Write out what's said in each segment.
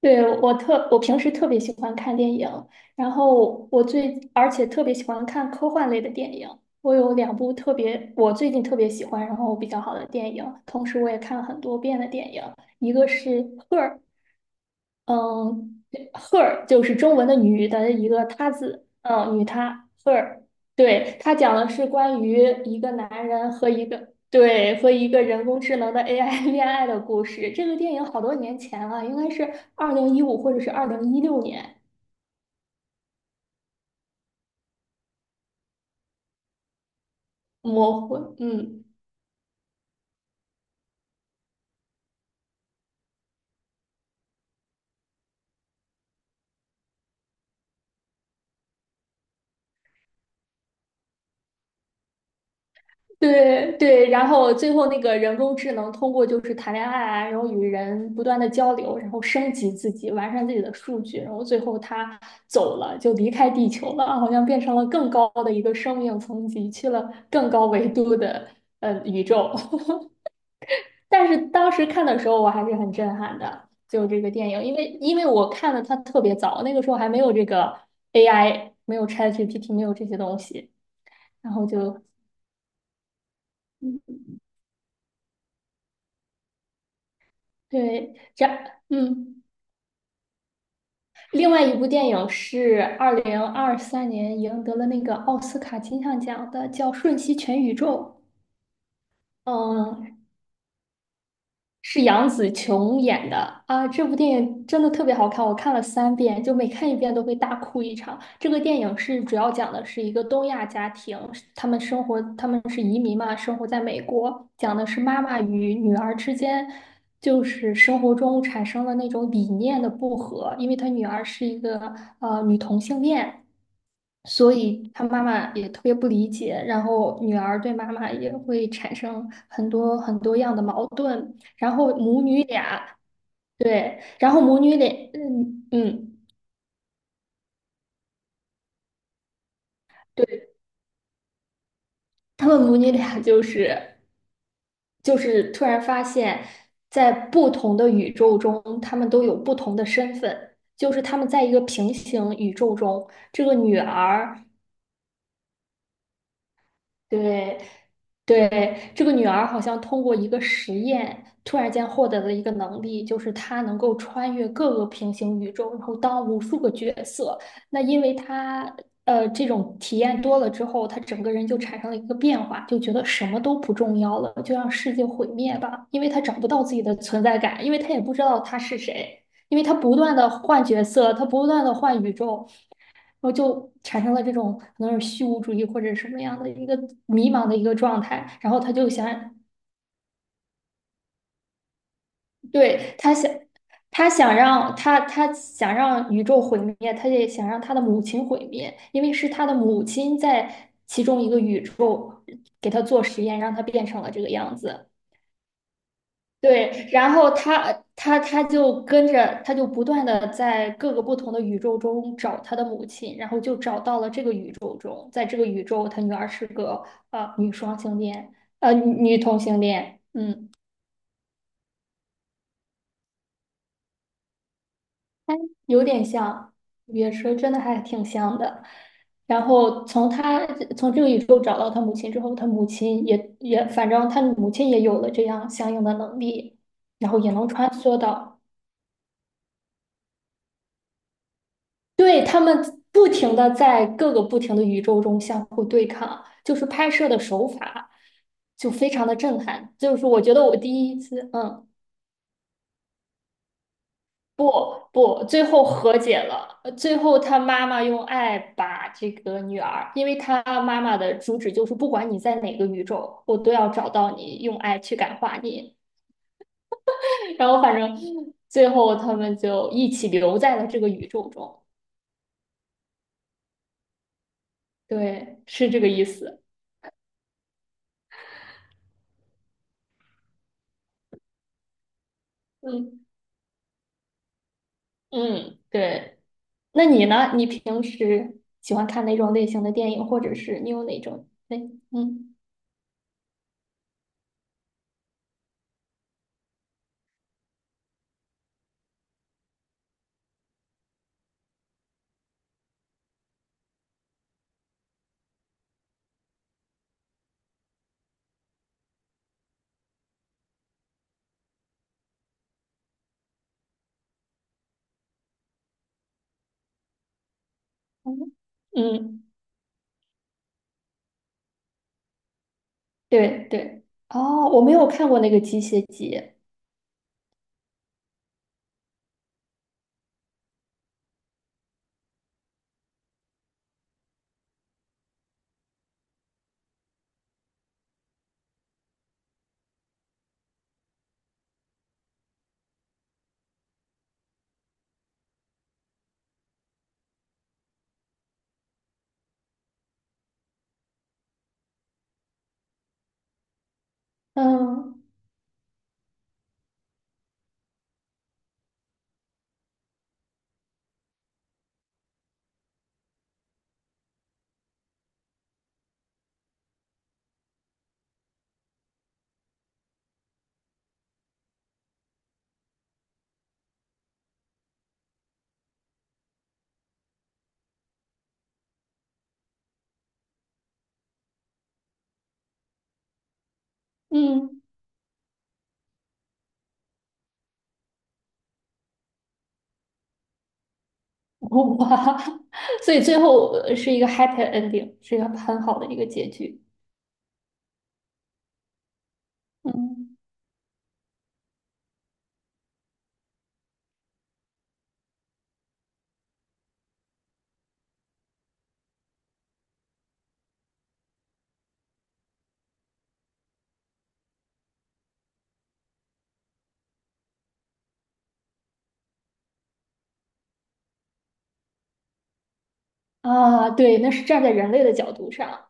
对，我平时特别喜欢看电影，然后我最，而且特别喜欢看科幻类的电影。我有两部特别，我最近特别喜欢，然后比较好的电影，同时我也看了很多遍的电影，一个是《Her》，嗯，her 就是中文的女的一个她字，女她 her,对，它讲的是关于一个男人和一个人工智能的 AI 恋爱的故事。这个电影好多年前了，应该是2015或者是2016年，模糊，嗯。对对，然后最后那个人工智能通过就是谈恋爱啊，然后与人不断的交流，然后升级自己，完善自己的数据，然后最后他走了，就离开地球了，好像变成了更高的一个生命层级，去了更高维度的宇宙。但是当时看的时候，我还是很震撼的，就这个电影，因为我看的它特别早，那个时候还没有这个 AI,没有 ChatGPT,没有这些东西，然后嗯对，这样嗯。另外一部电影是2023年赢得了那个奥斯卡金像奖的，叫《瞬息全宇宙》。嗯，是杨紫琼演的啊。这部电影真的特别好看，我看了3遍，就每看一遍都会大哭一场。这个电影主要讲的是一个东亚家庭，他们生活，他们是移民嘛，生活在美国，讲的是妈妈与女儿之间。就是生活中产生了那种理念的不合，因为她女儿是一个女同性恋，所以他妈妈也特别不理解，然后女儿对妈妈也会产生很多很多样的矛盾，然后母女俩，对，然后母女俩，嗯嗯，对，他们母女俩就是突然发现，在不同的宇宙中，他们都有不同的身份，就是他们在一个平行宇宙中，这个女儿。对，对，这个女儿好像通过一个实验，突然间获得了一个能力，就是她能够穿越各个平行宇宙，然后当无数个角色。那因为她这种体验多了之后，她整个人就产生了一个变化，就觉得什么都不重要了，就让世界毁灭吧，因为她找不到自己的存在感，因为她也不知道她是谁，因为她不断的换角色，她不断的换宇宙。然后就产生了这种可能是虚无主义或者什么样的一个迷茫的一个状态，然后他就想，对，他想，他想让他他想让宇宙毁灭，他也想让他的母亲毁灭，因为是他的母亲在其中一个宇宙给他做实验，让他变成了这个样子。对，然后他就跟着，他就不断的在各个不同的宇宙中找他的母亲，然后就找到了这个宇宙中，在这个宇宙，他女儿是个呃女双性恋，女女同性恋，嗯，有点像也是真的还挺像的。然后从这个宇宙找到他母亲之后，他母亲也也反正他母亲也有了这样相应的能力，然后也能穿梭到。对，他们不停的在各个不停的宇宙中相互对抗，就是拍摄的手法就非常的震撼。就是我觉得我第一次，嗯，不不，最后和解了。最后他妈妈用爱把这个女儿，因为他妈妈的主旨就是不管你在哪个宇宙，我都要找到你，用爱去感化你。然后反正最后他们就一起留在了这个宇宙中。对，是这个意思。嗯嗯，对。那你呢？你平时喜欢看哪种类型的电影，或者是你有哪种类？嗯嗯嗯，对对。哦，我没有看过那个《机械姬》。嗯嗯，哇，所以最后是一个 happy ending,是一个很好的一个结局。嗯对，那是站在人类的角度上。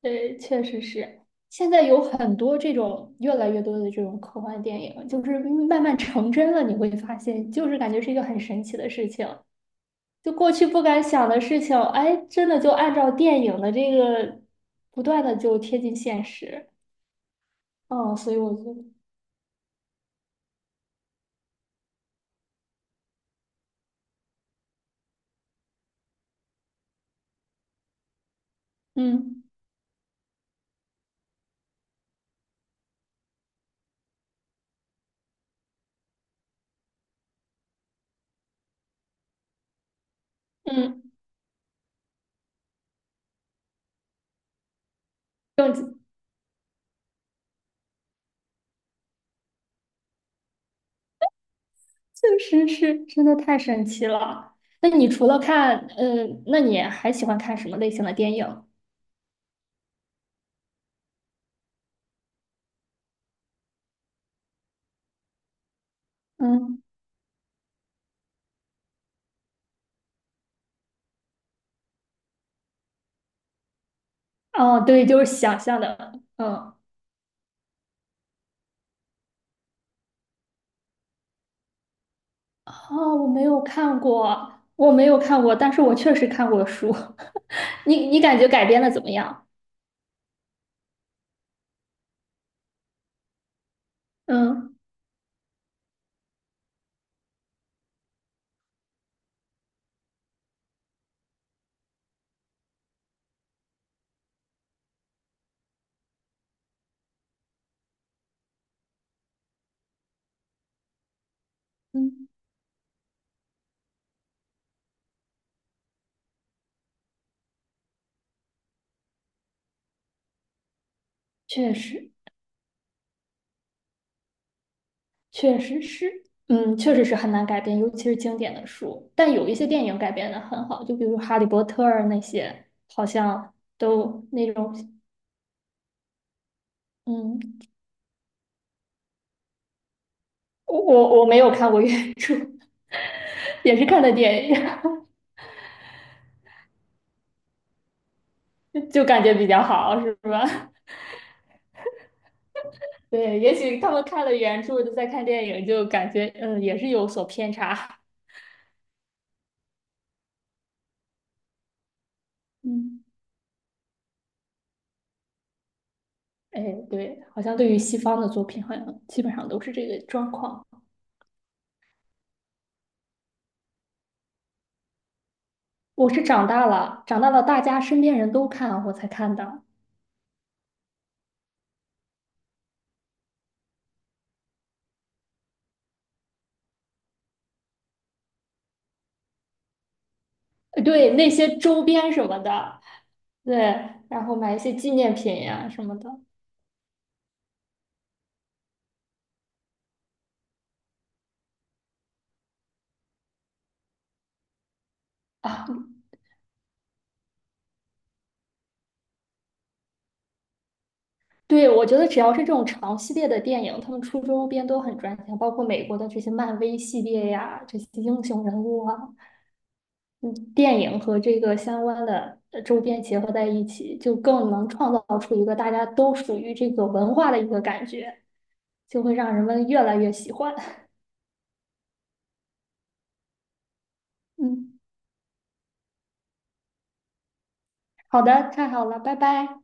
对，确实是。现在有很多这种越来越多的这种科幻电影，就是慢慢成真了，你会发现，就是感觉是一个很神奇的事情。就过去不敢想的事情，哎，真的就按照电影的这个不断的就贴近现实。哦，所以我就，嗯嗯，确实是真的太神奇了。那你除了看，嗯，那你还喜欢看什么类型的电影？嗯，哦，对，就是想象的，嗯。哦，我没有看过，我没有看过，但是我确实看过书。你你感觉改编的怎么样？嗯嗯，确实确实是，嗯，确实是很难改编，尤其是经典的书。但有一些电影改编的很好，就比如《哈利波特》那些，好像都那种，嗯，我没有看过原著，也是看的电影，就感觉比较好，是吧？对，也许他们看了原著，再看电影，就感觉嗯，也是有所偏差。嗯，哎，对，好像对于西方的作品，好像基本上都是这个状况。我是长大了，大家身边人都看，我才看的。对，那些周边什么的，对，然后买一些纪念品呀、什么的啊。对，我觉得只要是这种长系列的电影，他们出周边都很赚钱，包括美国的这些漫威系列呀，这些英雄人物啊，嗯，电影和这个相关的周边结合在一起，就更能创造出一个大家都属于这个文化的一个感觉，就会让人们越来越喜欢。嗯，好的，太好了，拜拜。